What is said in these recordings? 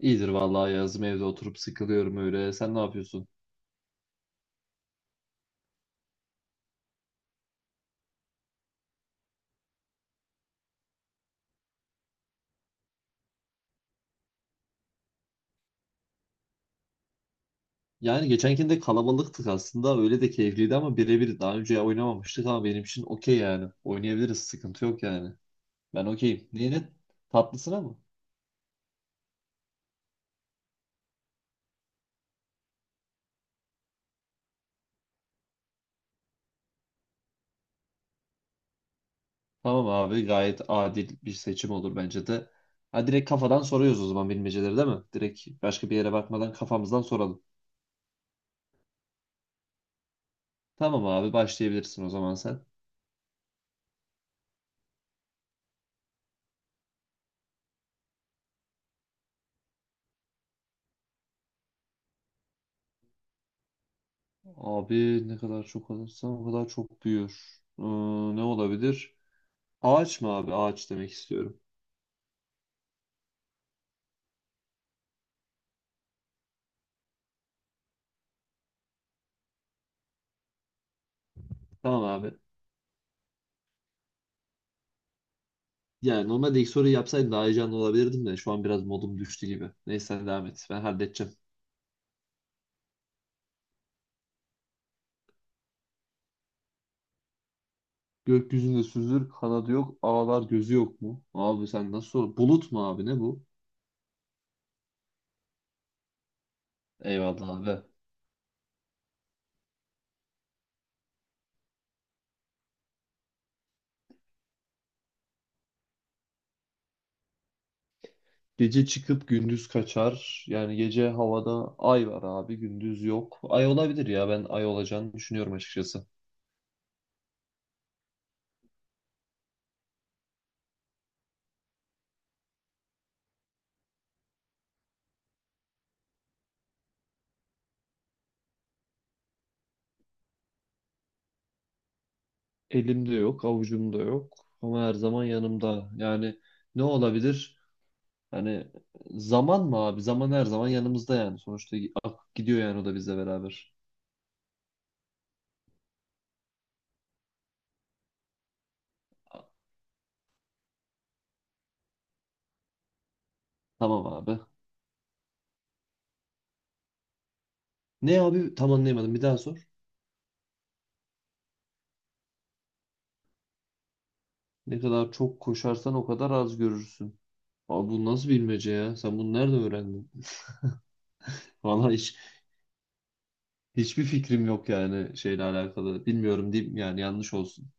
İyidir vallahi yazım evde oturup sıkılıyorum öyle. Sen ne yapıyorsun? Yani geçenkinde kalabalıktık aslında. Öyle de keyifliydi ama birebir daha önce oynamamıştık ama benim için okey yani. Oynayabiliriz sıkıntı yok yani. Ben okeyim. Neyine? Tatlısına mı? Tamam abi gayet adil bir seçim olur bence de. Ha direkt kafadan soruyoruz o zaman bilmeceleri değil mi? Direkt başka bir yere bakmadan kafamızdan soralım. Tamam abi başlayabilirsin o zaman sen. Abi ne kadar çok alırsan o kadar çok büyür. Ne olabilir? Ağaç mı abi? Ağaç demek istiyorum. Tamam abi. Yani normalde ilk soruyu yapsaydım daha heyecanlı olabilirdim de şu an biraz modum düştü gibi. Neyse sen devam et. Ben halledeceğim. Gökyüzünde süzülür, kanadı yok, ağlar gözü yok mu? Abi sen nasıl sor? Bulut mu abi ne bu? Eyvallah abi. Gece çıkıp gündüz kaçar. Yani gece havada ay var abi, gündüz yok. Ay olabilir ya ben ay olacağını düşünüyorum açıkçası. Elimde yok, avucumda yok ama her zaman yanımda. Yani ne olabilir? Hani zaman mı abi? Zaman her zaman yanımızda yani. Sonuçta akıp gidiyor yani o da bizle beraber. Tamam abi. Ne abi? Tam anlayamadım. Bir daha sor. Ne kadar çok koşarsan o kadar az görürsün. Abi bu nasıl bilmece ya? Sen bunu nerede öğrendin? Vallahi hiçbir fikrim yok yani şeyle alakalı. Bilmiyorum diyeyim yani yanlış olsun.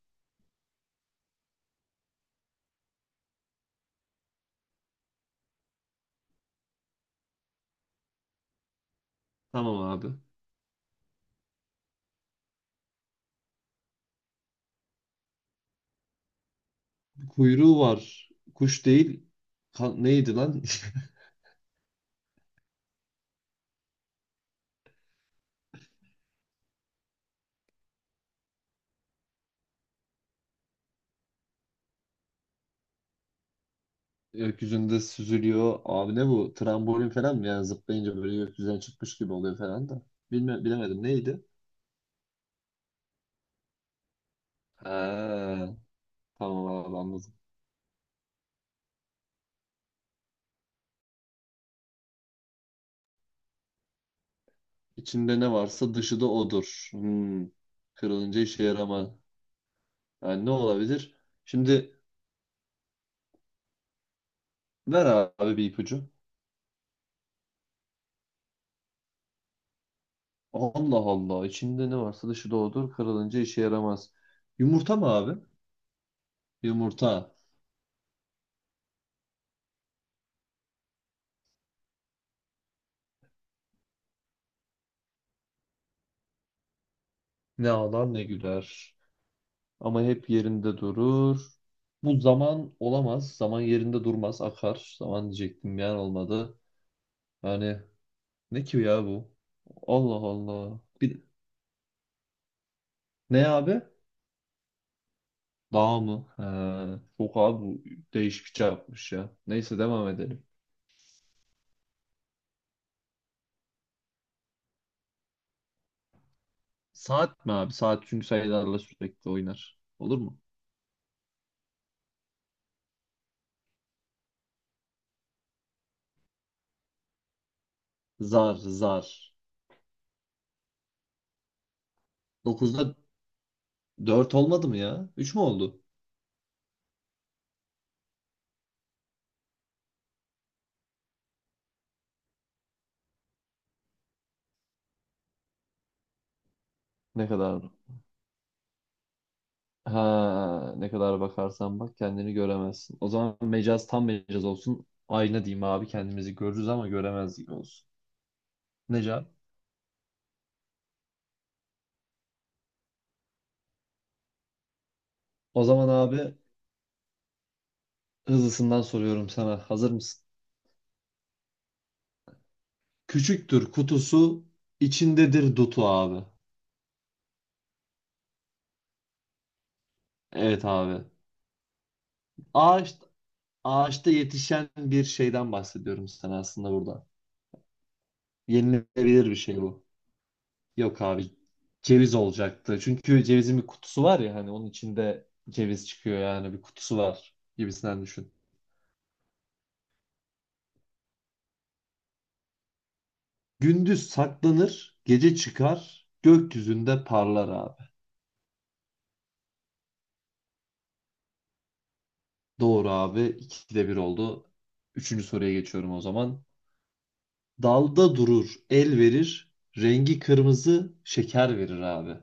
Tamam abi. Kuyruğu var. Kuş değil. Ka- neydi lan? Gökyüzünde süzülüyor. Abi ne bu? Trambolin falan mı? Yani zıplayınca böyle gökyüzüne çıkmış gibi oluyor falan da. Bilme, bilemedim. Neydi? Ha, tamam abi anladım. İçinde ne varsa dışı da odur. Hmm. Kırılınca işe yaramaz. Yani ne olabilir? Şimdi ver abi bir ipucu. Allah Allah. İçinde ne varsa dışı da odur. Kırılınca işe yaramaz. Yumurta mı abi? Yumurta. Ne ağlar ne güler. Ama hep yerinde durur. Bu zaman olamaz. Zaman yerinde durmaz, akar. Zaman diyecektim yani olmadı. Yani ne ki ya bu? Allah Allah. Bir, ne abi? Dağ mı? He, çok abi bu değişik bir şey yapmış ya. Neyse devam edelim. Saat mi abi? Saat çünkü sayılarla sürekli oynar. Olur mu? Zar. Dokuzda 4 olmadı mı ya? 3 mü oldu? Ne kadar? Ha, ne kadar bakarsan bak kendini göremezsin. O zaman mecaz tam mecaz olsun. Ayna diyeyim abi kendimizi görürüz ama göremez gibi olsun. Ne cevap? O zaman abi hızlısından soruyorum sana. Hazır mısın? Küçüktür kutusu, içindedir dutu abi. Evet abi. Ağaç, ağaçta yetişen bir şeyden bahsediyorum sana aslında burada. Yenilebilir bir şey bu. Yok abi ceviz olacaktı. Çünkü cevizin bir kutusu var ya hani onun içinde ceviz çıkıyor yani bir kutusu var gibisinden düşün. Gündüz saklanır, gece çıkar, gökyüzünde parlar abi. Doğru abi. İkide bir oldu. Üçüncü soruya geçiyorum o zaman. Dalda durur, el verir, rengi kırmızı, şeker verir abi.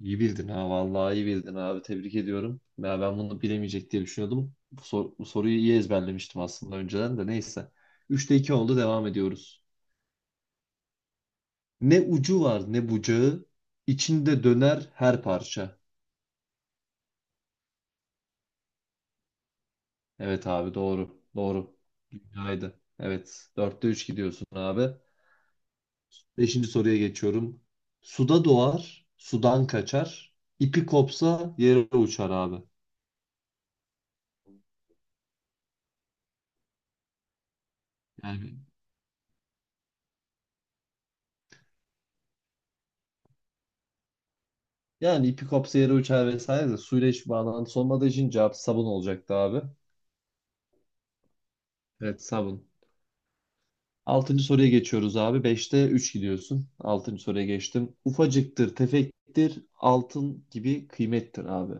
İyi bildin ha vallahi iyi bildin abi tebrik ediyorum. Ya ben bunu bilemeyecek diye düşünüyordum. Bu, sor- bu soruyu iyi ezberlemiştim aslında önceden de neyse. Üçte 2 oldu devam ediyoruz. Ne ucu var ne bucağı içinde döner her parça. Evet abi doğru doğru. Dünyaydı. Evet dörtte 3 gidiyorsun abi. Beşinci soruya geçiyorum. Suda doğar sudan kaçar. İpi kopsa yere uçar abi. Yani Yani ipi kopsa yere uçar vesaire de suyla hiçbir bağlantısı olmadığı için cevap sabun olacaktı abi. Evet sabun. Altıncı soruya geçiyoruz abi. Beşte üç gidiyorsun. Altıncı soruya geçtim. Ufacıktır, tefektir, altın gibi kıymettir abi.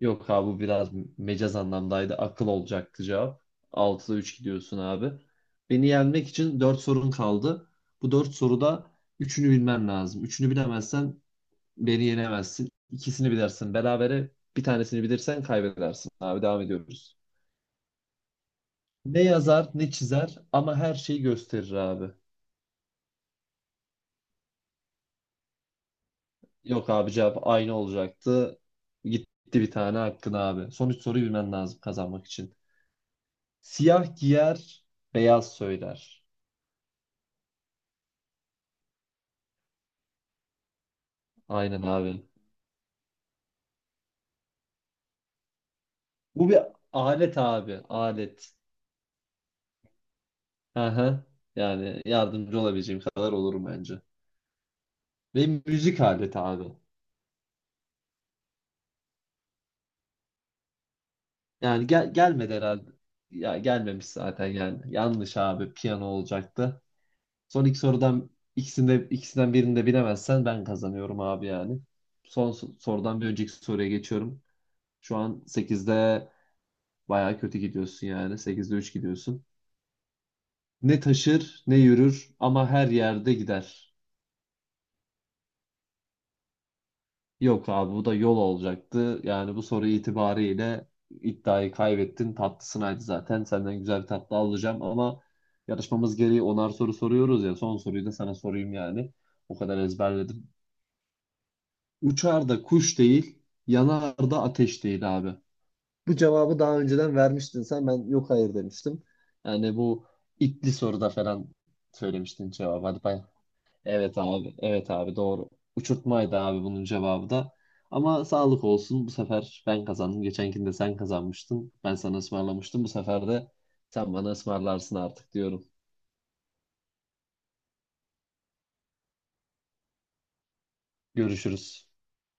Yok abi bu biraz mecaz anlamdaydı. Akıl olacaktı cevap. Altıda üç gidiyorsun abi. Beni yenmek için dört sorun kaldı. Bu dört soruda üçünü bilmen lazım. Üçünü bilemezsen beni yenemezsin. İkisini bilirsin berabere. Bir tanesini bilirsen kaybedersin abi. Devam ediyoruz. Ne yazar ne çizer ama her şeyi gösterir abi. Yok abi cevap aynı olacaktı. Gitti bir tane hakkın abi. Son üç soruyu bilmen lazım kazanmak için. Siyah giyer, beyaz söyler. Aynen abi. Bu bir alet abi. Alet. Aha. Yani yardımcı olabileceğim kadar olurum bence. Ve müzik aleti abi. Yani gel gelmedi herhalde. Ya gelmemiş zaten yani. Yanlış abi. Piyano olacaktı. Son iki sorudan ikisinde ikisinden birini de bilemezsen ben kazanıyorum abi yani. Son so- sorudan bir önceki soruya geçiyorum. Şu an sekizde baya kötü gidiyorsun yani. Sekizde 3 gidiyorsun. Ne taşır ne yürür ama her yerde gider. Yok abi bu da yol olacaktı. Yani bu soru itibariyle iddiayı kaybettin. Tatlısınaydı zaten. Senden güzel bir tatlı alacağım ama yarışmamız gereği onar soru soruyoruz ya. Son soruyu da sana sorayım yani. O kadar ezberledim. Uçar da kuş değil, yanar da ateş değil abi. Bu cevabı daha önceden vermiştin sen. Ben yok hayır demiştim. Yani bu itli soruda falan söylemiştin cevabı. Hadi bay Evet abi. Evet abi doğru. Uçurtmaydı abi bunun cevabı da. Ama sağlık olsun. Bu sefer ben kazandım. Geçenkinde sen kazanmıştın. Ben sana ısmarlamıştım. Bu sefer de sen bana ısmarlarsın artık diyorum. Görüşürüz.